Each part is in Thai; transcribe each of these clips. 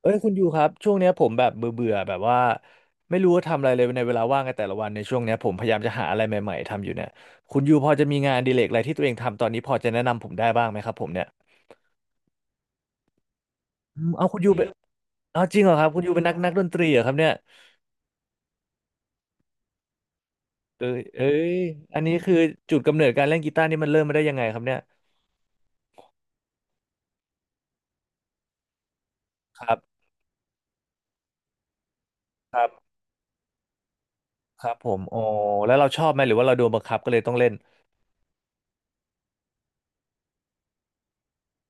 เอ้ยคุณยูครับช่วงเนี้ยผมแบบเบื่อเบื่อแบบว่าไม่รู้ว่าทำอะไรเลยในเวลาว่างในแต่ละวันในช่วงเนี้ยผมพยายามจะหาอะไรใหม่ๆทำอยู่เนี่ยคุณยูพอจะมีงานอดีเลกอะไรที่ตัวเองทำตอนนี้พอจะแนะนำผมได้บ้างไหมครับผมเนี่ยอืมเอาคุณยูเป็นเอาจริงเหรอครับคุณยูเป็นนักดนตรีเหรอครับเนี่ยเอ้ยเอ้ยอันนี้คือจุดกำเนิดการเล่นกีตาร์นี่มันเริ่มมาได้ยังไงครับเนี่ยครับครับครับผมอ๋อแล้วเราชอบไหมหรือว่าเราโดนบังคับก็เลยต้องเล่น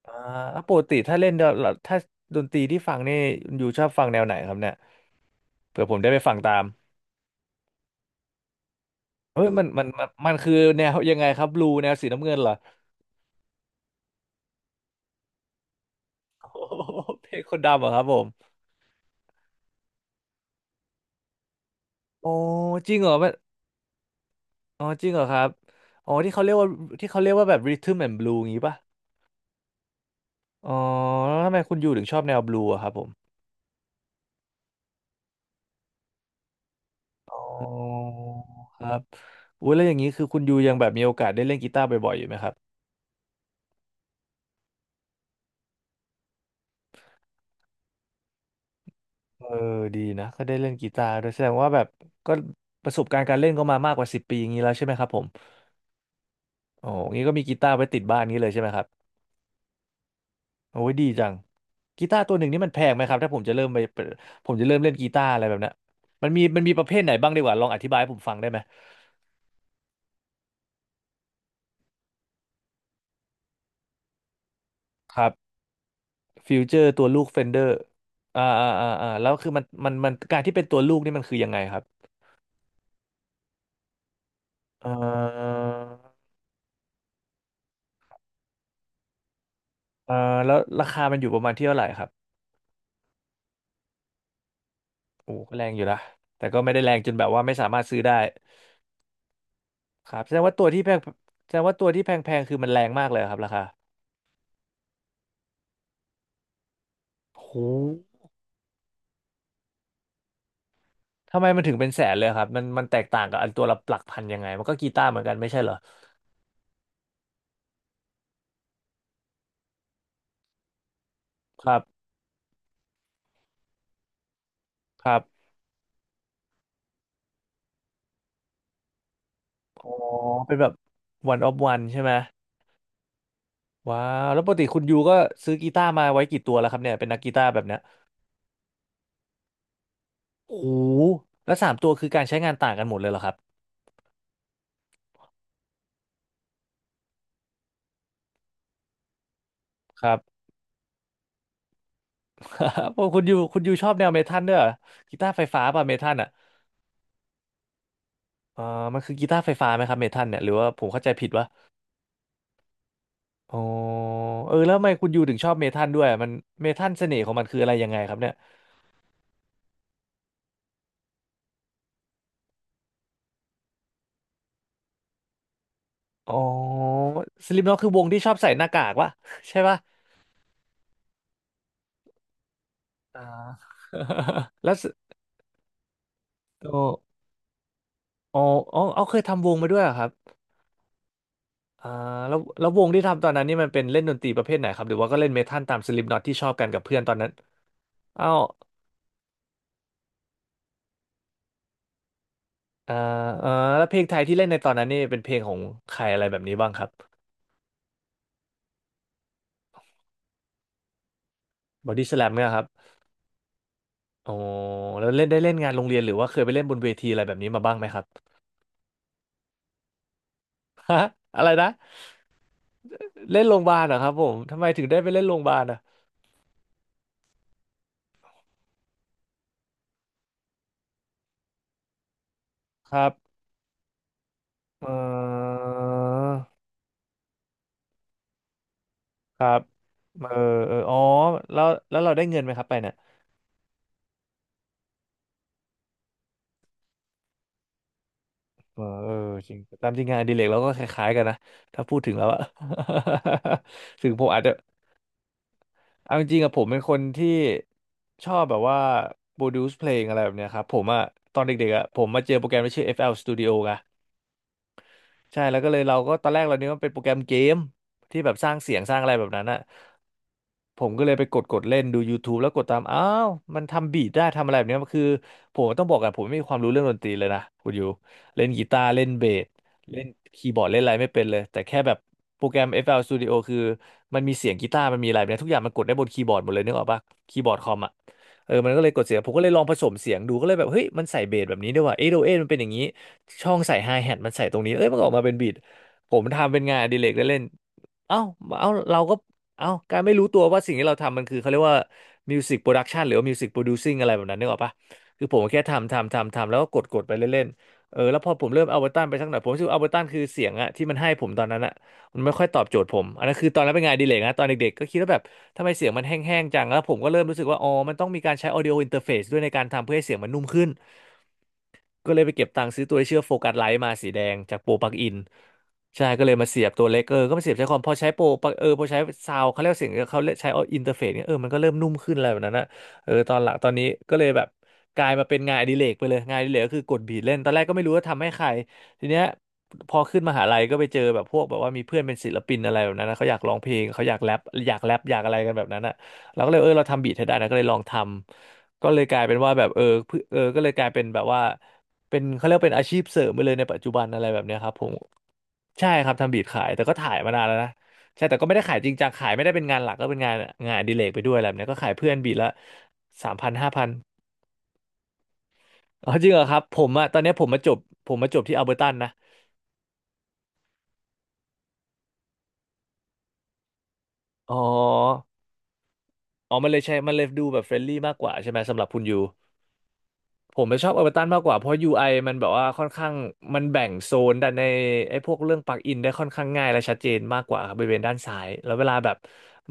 อ่าแล้วปกติถ้าเล่นเดี๋ยวเราถ้าดนตรีที่ฟังนี่คุณยูชอบฟังแนวไหนครับเนี่ยเผื่อผมได้ไปฟังตาม เฮ้ยมันคือแนวยังไงครับบลูแนวสีน้ำเงินเหรอโอ้โหเพลงคนดำเหรอครับผมอ๋อจริงเหรอมันอ๋อจริงเหรอครับอ๋อที่เขาเรียกว่าที่เขาเรียกว่าแบบร h ท t ม m a น d ์ l u e อย่างงี้ป่ะอ๋อแล้วทำไมคุณยูถึงชอบแนวบลูอะครับผมอ๋อครับอุ้ยแล้วอย่างนี้คือคุณยูยังแบบมีโอกาสได้เล่นกีตาร์บ่อยๆอยู่ไหมครับเออดีนะก็ได้เล่นกีตาร์ด้วยแสดงว่าแบบก็ประสบการณ์การเล่นก็มามากกว่าสิบปีอย่างนี้แล้วใช่ไหมครับผมโอ้งี้ก็มีกีตาร์ไว้ติดบ้านนี้เลยใช่ไหมครับ โอ้ยดีจังกีตาร์ตัวหนึ่งนี่มันแพงไหมครับถ้าผมจะเริ่มไปเปิดผมจะเริ่มเล่นกีตาร์อะไรแบบเนี้ยมันมีประเภทไหนบ้างดีกว่าลองอธิบายให้ผมฟังได้ไหมครับฟิวเจอร์ตัวลูกเฟนเดอร์อ่าอ่าอ่าอ่าแล้วคือมันการที่เป็นตัวลูกนี่มันคือยังไงครับเอ่อเอ่อแล้วราคามันอยู่ประมาณที่เท่าไหร่ครับโอ้ก็แรงอยู่นะแต่ก็ไม่ได้แรงจนแบบว่าไม่สามารถซื้อได้ครับแสดงว่าตัวที่แพงๆคือมันแรงมากเลยเหรอครับราคาโห ทำไมมันถึงเป็นแสนเลยครับมันแตกต่างกับอันตัวละหลักพันยังไงมันก็กีตาร์เหมือนกันไม่ใช่เหรอครับครับอ๋อเป็นแบบ one of one ใช่ไหมว้าวแล้วปกติคุณยูก็ซื้อกีตาร์มาไว้กี่ตัวแล้วครับเนี่ยเป็นนักกีตาร์แบบเนี้ยโอ้โหแล้วสามตัวคือการใช้งานต่างกันหมดเลยเหรอครับครับ โอ้คุณยูชอบแนวเมทัลด้วยเหรอกีตาร์ไฟฟ้าป่ะเมทัลอ่ะเออมันคือกีตาร์ไฟฟ้าไหมครับเมทัลเนี่ยหรือว่าผมเข้าใจผิดวะอ๋อเออแล้วทำไมคุณยูถึงชอบเมทัลด้วยมันเมทัลเสน่ห์ของมันคืออะไรยังไงครับเนี่ย อ๋อสลิปน็อตคือวงที่ชอบใส่หน้ากากวะ ใช่ปะอ่า แล้วสโออ๋ออ๋อเอาเคยทำวงมาด้วยเหรอครับอ่าแล้ววงที่ทำตอนนั้นนี่มันเป็นเล่นดนตรีประเภทไหนครับหรือว่าก็เล่นเมทัลตามสลิปน็อตที่ชอบกันกับเพื่อนตอนนั้นเอ้าอ่าอ่าแล้วเพลงไทยที่เล่นในตอนนั้นนี่เป็นเพลงของใครอะไรแบบนี้บ้างครับบอดี้สแลมเนี่ยครับอ๋อแล้วเล่นได้เล่นงานโรงเรียนหรือว่าเคยไปเล่นบนเวทีอะไรแบบนี้มาบ้างไหมครับฮะ อะไรนะเล่นโรงพยาบาลเหรอครับผมทำไมถึงได้ไปเล่นโรงพยาบาลอะครับ เออครับเออเอออ๋อแล้วเราได้เงินไหมครับไปเนี่ยเออเออจริงตามจริงงานอดิเรกเราก็คล้ายๆกันนะถ้าพูดถึงแล้วอะ ถึงผมอาจจะเอาจริงๆอะผมเป็นคนที่ชอบแบบว่า produce เพลงอะไรแบบเนี้ยครับผมอะตอนเด็กๆอะผมมาเจอโปรแกรมที่ชื่อ FL Studio ไง ใช่แล้วก็เลยเราก็ตอนแรกเรานึกว่าเป็นโปรแกรมเกมที่แบบสร้างเสียงสร้างอะไรแบบนั้นอะผมก็เลยไปกดเล่นดู YouTube แล้วกดตามอ้าวมันทำบีทได้ทำอะไรแบบเนี้ยคือผมต้องบอกกันผมไม่มีความรู้เรื่องดนตรีเลยนะคุณอยู่เล่นกีตาร์เล่นเบสเล่นคีย์บอร์ดเล่นอะไรไม่เป็นเลยแต่แค่แบบโปรแกรม FL Studio คือมันมีเสียงกีตาร์มันมีอะไรแบบเนี้ยทุกอย่างมันกดได้บนคีย์บอร์ดหมดเลยนึกออกปะคีย์บอร์ดคอมอะเออมันก็เลยกดเสียงผมก็เลยลองผสมเสียงดูก็เลยแบบเฮ้ยมันใส่เบสแบบนี้ด้วยว่ะเอโดเอมันเป็นอย่างนี้ ช่องใส่ไฮแฮทมันใส่ตรงนี้ เอ้ยมันก็ออกมาเป็นบีทผมทำเป็นงานอดิเรกเล่นๆเอ้าเอ้าเราก็เอ้าการไม่รู้ตัวว่าสิ่งที่เราทำมันคือเขาเรียกว่ามิวสิกโปรดักชันหรือว่ามิวสิกโปรดิวซิ่งอะไรแบบนั้นนึกออกปะคือผมแค่ทำแล้วก็กดไปเล่นๆเออแล้วพอผมเริ่มเอาเบอร์ตันไปสักหน่อยผมรู้สึกเอาเบอร์ตันคือเสียงอะที่มันให้ผมตอนนั้นอะมันไม่ค่อยตอบโจทย์ผมอันนั้นคือตอนนั้นเป็นงานอดีเลยนะตอนเด็กๆก็คิดว่าแบบทำไมเสียงมันแห้งๆจังแล้วผมก็เริ่มรู้สึกว่าอ๋อมันต้องมีการใช้ audio interface ด้วยในการทำเพื่อให้เสียงมันนุ่มขึ้น ก็เลยไปเก็บตังค์ซื้อตัวที่ชื่อมโฟกัสไลท์มาสีแดงจากโปรปลั๊กอินใช่ก็เลยมาเสียบตัวเล็กเออก็มาเสียบใช้คอมพอใช้โปรปลั๊กเออพอใช้ซาวด์เขาเรียกเสียงเขาเรียกใช้อินเทอร์เฟซเนี่ยเออมันก็เริ่มนุ่มขึ้นอะไรแบบนั้นนะเออตอนหลังตอนนี้ก็เลยแบบกลายมาเป็นงานอดิเรกไปเลยงานอดิเรกก็คือกดบีทเล่นตอนแรกก็ไม่รู้ว่าทำให้ใครทีเนี้ยพอขึ้นมหาลัยก็ไปเจอแบบพวกแบบว่ามีเพื่อนเป็นศิลปินอะไรแบบนั้นนะเขาอยากร้องเพลงเขาอยากแรปอยากอะไรกันแบบนั้นอ่ะเราก็เลยเออเราทำบีทให้ได้นะก็เลยลองทำก็เลยกลายเป็นว่าแบบเออก็เลยกลายเป็นแบบว่า เป็นเขาเรียก่เป็นอาชีพเสริมไปเลยในปัจจุบันอะไรแบบเนี้ยครับผมใช่ครับทำบีทขายแต่ก็ถ่ายมานานแล้วนะใช่แต่ก็ไม่ได้ขายจริงจังขายไม่ได้เป็นงานหลักก็เป็นงานอดิเลกไปด้วยอะไรแบบเนี้ยก็ขายเพื่อนบีทละ3,000 5,000อ๋อจริงเหรอครับผมอะตอนเนี้ยผมมาจบที่อัลเบอร์ตันนะอ๋ออ๋อมันเลยใช้มันเลยดูแบบเฟรนลี่มากกว่าใช่ไหมสำหรับคุณยู ผมไปชอบเอเวอร์ตันมากกว่าเพราะ UI มันแบบว่าค่อนข้างมันแบ่งโซนด้านในไอ้พวกเรื่องปลั๊กอินได้ค่อนข้างง่ายและชัดเจนมากกว่าครับบริเวณด้านซ้ายแล้วเวลาแบบ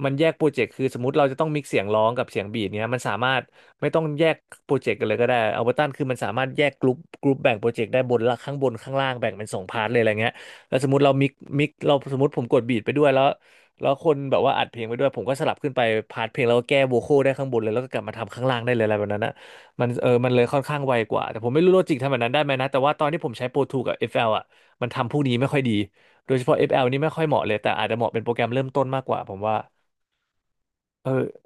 มันแยกโปรเจกต์คือสมมติเราจะต้องมิกซ์เสียงร้องกับเสียงบีทเนี้ยมันสามารถไม่ต้องแยกโปรเจกต์กันเลยก็ได้เอเวอร์ตันคือมันสามารถแยกกลุ่มแบ่งโปรเจกต์ได้บนละข้างบนข้างล่างแบ่งเป็นสองพาร์ทเลยอะไรเงี้ยแล้วสมมติเรามิกมิกเราสมมติผมกดบีทไปด้วยแล้วแล้วคนแบบว่าอัดเพลงไปด้วยผมก็สลับขึ้นไปพาร์ทเพลงแล้วก็แก้โวคอลได้ข้างบนเลยแล้วก็กลับมาทำข้างล่างได้เลยอะไรแบบนั้นนะ มันเลยค่อนข้างไวกว่า แต่ผมไม่รู้โลจิกทำแบบนั้นได้ไหมนะแต่ว่าตอนที่ผมใช้ Pro 2กับ FL อฟแอลอ่ะมันทำพวกนี้ไม่ค่อยดี โดยเฉพาะ FL นี่ไม่ค่อยเหมาะเลย แต่อาจจะเหมาะเป็นโปรแกรมเริ่มต้นมากกว่าผมว่าเออ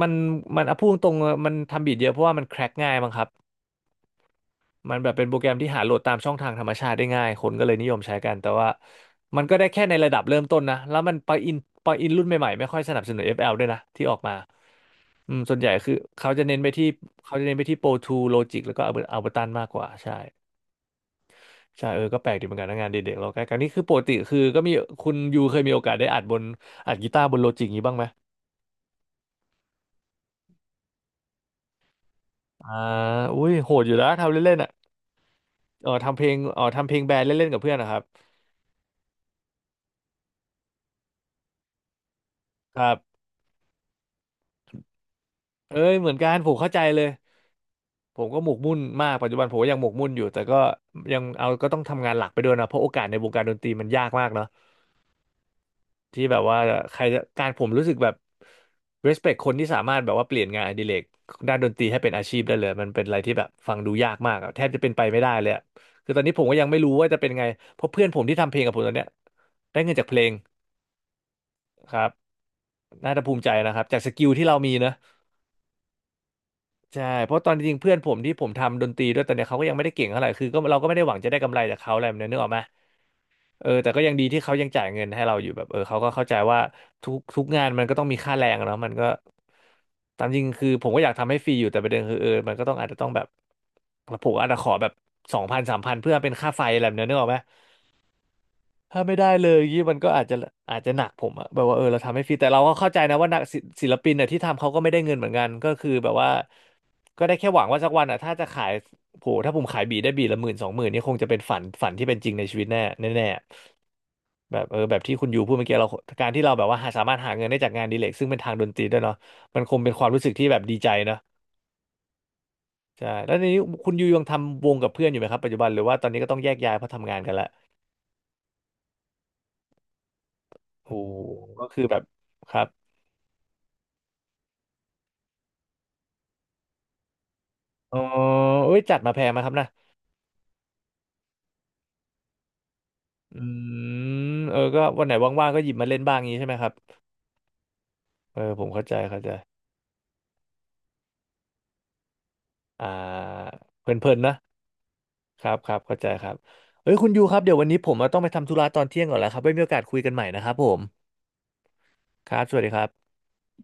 มันมันพูดตรงๆมันทำบีทเยอะเพราะว่ามันแคร็กง่ายมั้งครับ มันแบบเป็นโปรแกรมที่หาโหลดตามช่องทางธรรมชาติได้ง่ายคนก็เลยนิยมใช้กันแต่ว่ามันก็ได้แค่ในระดับเริ่มต้นนะแล้วมันปลั๊กอินรุ่นใหม่ๆไม่ค่อยสนับสนุนเอฟแอลด้วยนะที่ออกมาอืมส่วนใหญ่คือเขาจะเน้นไปที่เขาจะเน้นไปที่ Pro ทู Logic แล้วก็ Ableton มากกว่าใช่ ใช่ก็แปลกดีเหมือนกันนะงานเด็กๆเราใกล้กันนี่คือปกติคือก็มีคุณยูเคยมีโอกาสได้อัดกีตาร์บนโลจิกนี้บ้างไหมอ่าอุ้ยโหดอยู่แล้วทำเล่นๆอ่ะทำเพลงแบนด์เล่นๆกับเพื่อนนะครับครับเอ้ยเหมือนกันผมเข้าใจเลยผมก็หมกมุ่นมากปัจจุบันผมก็ยังหมกมุ่นอยู่แต่ก็ยังเอาก็ต้องทำงานหลักไปด้วยนะเพราะโอกาสในวงการดนตรีมันยากมากเนอะ ที่แบบว่าใครจะการผมรู้สึกแบบ respect คนที่สามารถแบบว่าเปลี่ยนงานอดิเรกด้านดนตรีให้เป็นอาชีพได้เลยมันเป็นอะไรที่แบบฟังดูยากมากอะแทบจะเป็นไปไม่ได้เลยอะคือตอนนี้ผมก็ยังไม่รู้ว่าจะเป็นไงเพราะเพื่อนผมที่ทำเพลงกับผมตอนเนี้ยได้เงินจากเพลงครับน่าจะภูมิใจนะครับจากสกิลที่เรามีนะ ใช่เพราะตอนจริงๆเพื่อนผมที่ผมทำดนตรีด้วยตอนเนี้ยเขาก็ยังไม่ได้เก่งเท่าไหร่คือก็เราก็ไม่ได้หวังจะได้กำไรจากเขาอะไรแบบนี้นึกออกไหมแต่ก็ยังดีที่เขายังจ่ายเงินให้เราอยู่แบบเขาก็เข้าใจว่าทุกงานมันก็ต้องมีค่าแรงอะเนาะมันก็ตามจริงคือผมก็อยากทำให้ฟรีอยู่แต่ประเด็นคือมันก็ต้องอาจจะต้องแบบผมอาจจะขอแบบ2000-3000เพื่อเป็นค่าไฟอะไรแบบนี้นึกออกไหม ถ้าไม่ได้เลยยี่มันก็อาจจะอาจจะหนักผมอะแบบว่าเราทำให้ฟรีแต่เราก็เข้าใจนะว่านักศิศิลปินเนี่ยที่ทำเขาก็ไม่ได้เงินเหมือนกันก็คือแบบว่าก็ได้แค่หวังว่าสักวันอะถ้าจะขายโหถ้าผมขายบีทได้บีทละหมื่นสองหมื่นนี่คงจะเป็นฝันที่เป็นจริงในชีวิตแน่แบบแบบที่คุณยูพูดเมื่อกี้เราการที่เราแบบว่าสามารถหาเงินได้จากงานอดีเลกซึ่งเป็นทางดนตรีด้วยเนาะมันคงเป็นความรู้สึกที่แบบดีใจเนอะใช่แล้วนนี้คุณยูยังทำวงกับเพื่อนอยู่ไหมครับปัจจุบันหรือว่าตอนนี้ก็ต้องแยกย้ายเพราะทำงานกันละโอ้โหก็คือแบบครับ อ๋อเอ้ยจัดมาแพงไหมาครับนะอืก็วันไหนว่างๆก็หยิบมาเล่นบ้างงี้ใช่ไหมครับผมเข้าใจเข้าใจอ่าเพลินๆนะครับครับเข้าใจครับเอ้ยคุณยูครับเดี๋ยววันนี้ผมต้องไปทำธุระตอนเที่ยงก่อนแล้วครับไว้มีโอกาสคุยกันใหม่นะครับผมครับสวัสดีครับ